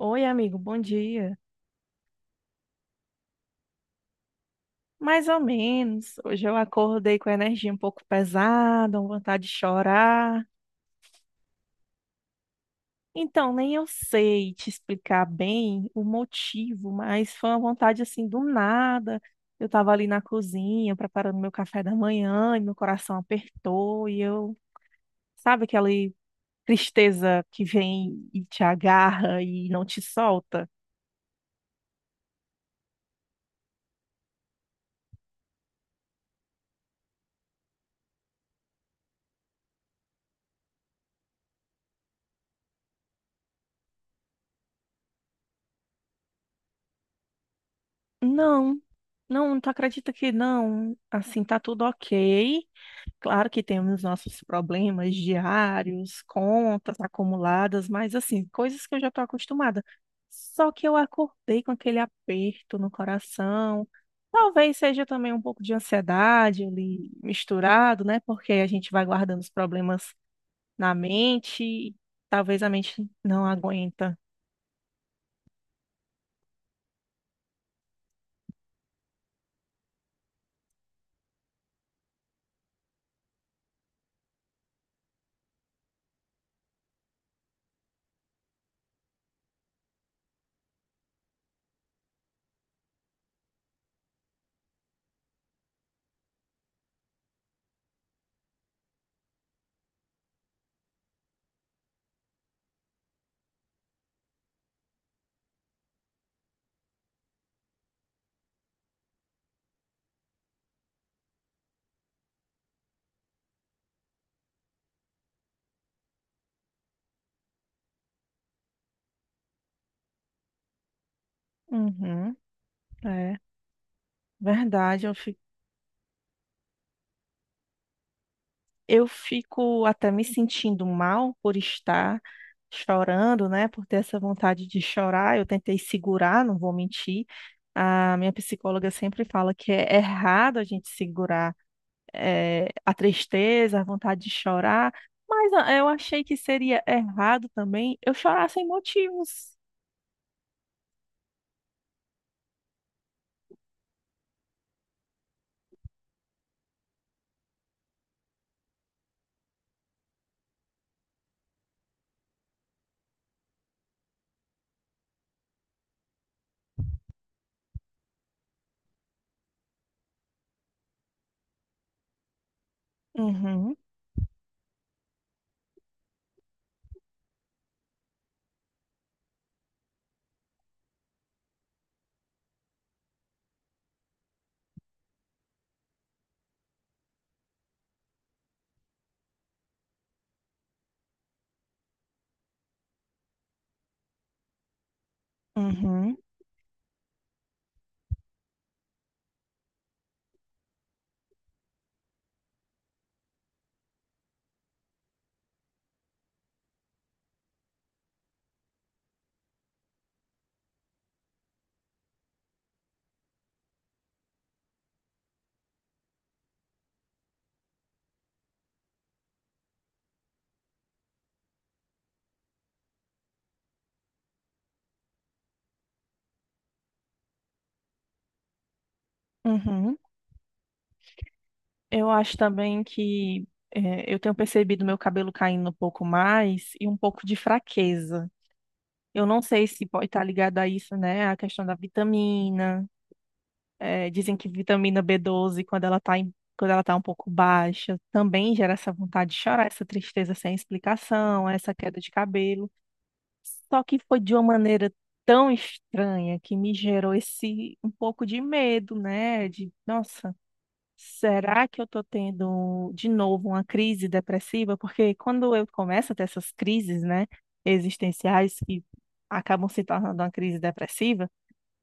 Oi, amigo, bom dia. Mais ou menos. Hoje eu acordei com a energia um pouco pesada, uma vontade de chorar. Então, nem eu sei te explicar bem o motivo, mas foi uma vontade assim do nada. Eu estava ali na cozinha preparando meu café da manhã e meu coração apertou sabe aquela tristeza que vem e te agarra e não te solta? Não, não, tu acredita que não? Assim, tá tudo ok. Claro que temos nossos problemas diários, contas acumuladas, mas assim, coisas que eu já estou acostumada. Só que eu acordei com aquele aperto no coração. Talvez seja também um pouco de ansiedade ali misturado, né? Porque a gente vai guardando os problemas na mente, e talvez a mente não aguenta. Uhum, é verdade. Eu fico até me sentindo mal por estar chorando, né? Por ter essa vontade de chorar. Eu tentei segurar, não vou mentir. A minha psicóloga sempre fala que é errado a gente segurar, a tristeza, a vontade de chorar, mas ah, eu achei que seria errado também eu chorar sem motivos. Uhum, uhum, uhum. Eu acho também que eu tenho percebido meu cabelo caindo um pouco mais e um pouco de fraqueza. Eu não sei se pode estar ligado a isso, né? A questão da vitamina. É, dizem que vitamina B12, quando ela tá um pouco baixa, também gera essa vontade de chorar, essa tristeza sem explicação, essa queda de cabelo. Só que foi de uma maneira tão estranha que me gerou esse um pouco de medo, né? De, nossa. Será que eu tô tendo de novo uma crise depressiva? Porque quando eu começo a ter essas crises, né, existenciais que acabam se tornando uma crise depressiva,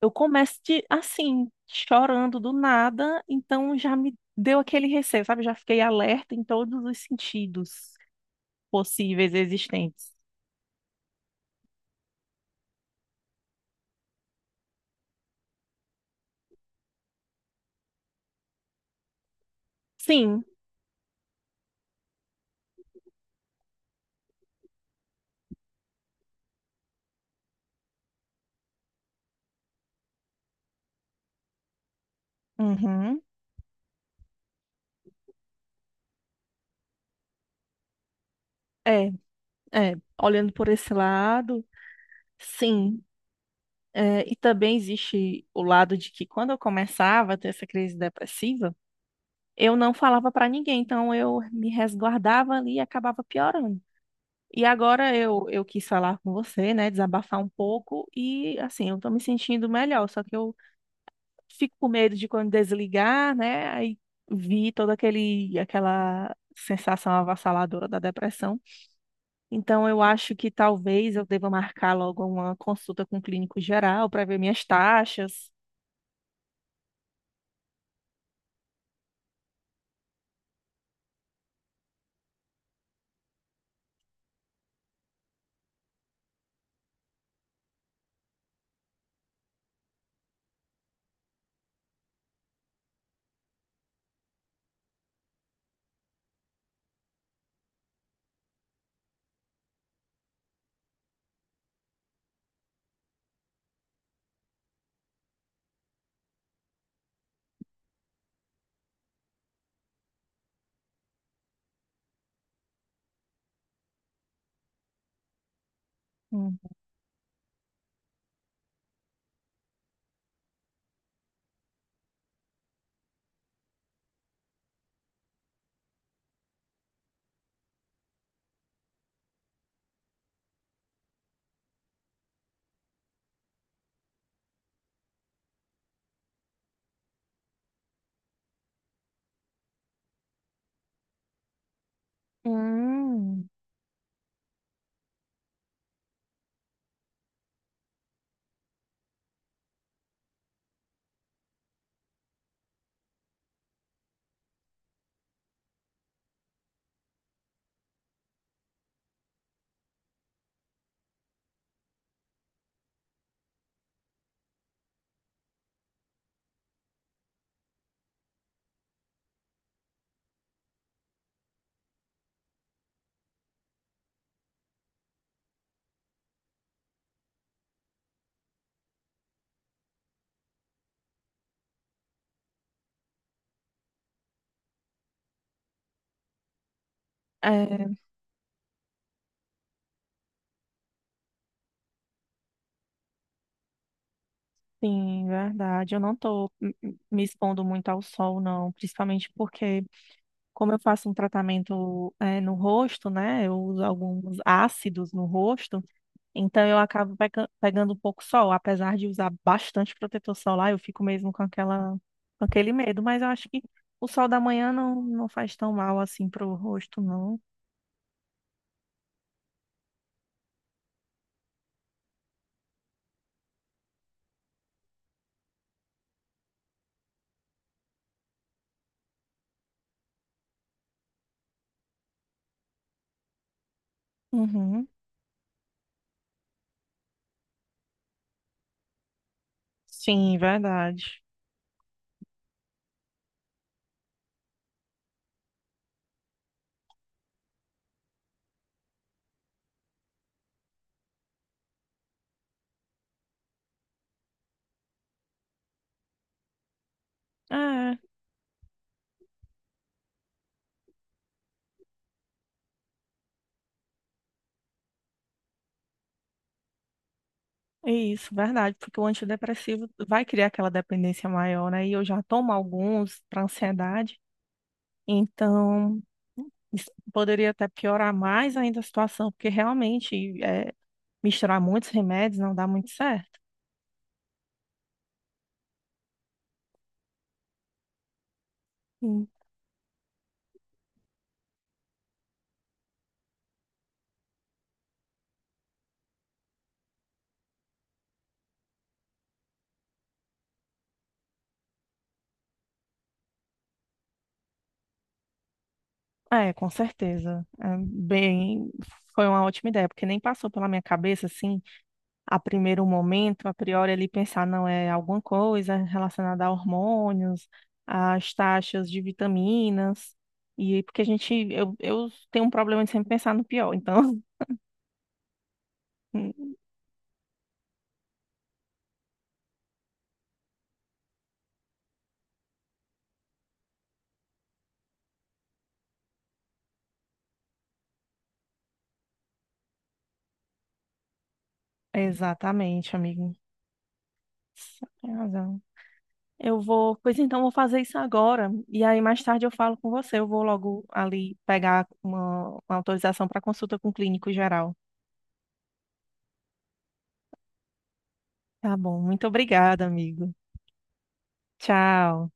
eu começo de, assim, chorando do nada, então já me deu aquele receio, sabe? Já fiquei alerta em todos os sentidos possíveis e existentes. Sim, uhum, é, é, olhando por esse lado, sim. É, e também existe o lado de que quando eu começava a ter essa crise depressiva, eu não falava para ninguém, então eu me resguardava ali e acabava piorando. E agora eu quis falar com você, né, desabafar um pouco e assim, eu tô me sentindo melhor, só que eu fico com medo de quando desligar, né, aí vi toda aquele aquela sensação avassaladora da depressão. Então eu acho que talvez eu deva marcar logo uma consulta com o clínico geral para ver minhas taxas. Hum, hum, é, sim, verdade. Eu não tô me expondo muito ao sol, não, principalmente porque, como eu faço um tratamento, é, no rosto, né? Eu uso alguns ácidos no rosto, então eu acabo pegando um pouco sol. Apesar de usar bastante protetor solar, eu fico mesmo com aquela, com aquele medo, mas eu acho que o sol da manhã não, não faz tão mal assim pro rosto, não. Uhum. Sim, verdade. É. Isso, verdade, porque o antidepressivo vai criar aquela dependência maior, né? E eu já tomo alguns para ansiedade, então isso poderia até piorar mais ainda a situação, porque realmente é, misturar muitos remédios não dá muito certo. Hum. É, com certeza. É, bem, foi uma ótima ideia, porque nem passou pela minha cabeça assim a primeiro momento, a priori, ele pensar não é alguma coisa relacionada a hormônios, às taxas de vitaminas, e porque a gente, eu tenho um problema de sempre pensar no pior, então. Exatamente, amigo. Você tem razão. Eu vou, pois então, vou fazer isso agora, e aí mais tarde eu falo com você. Eu vou logo ali pegar uma autorização para consulta com o clínico geral. Tá bom, muito obrigada, amigo. Tchau.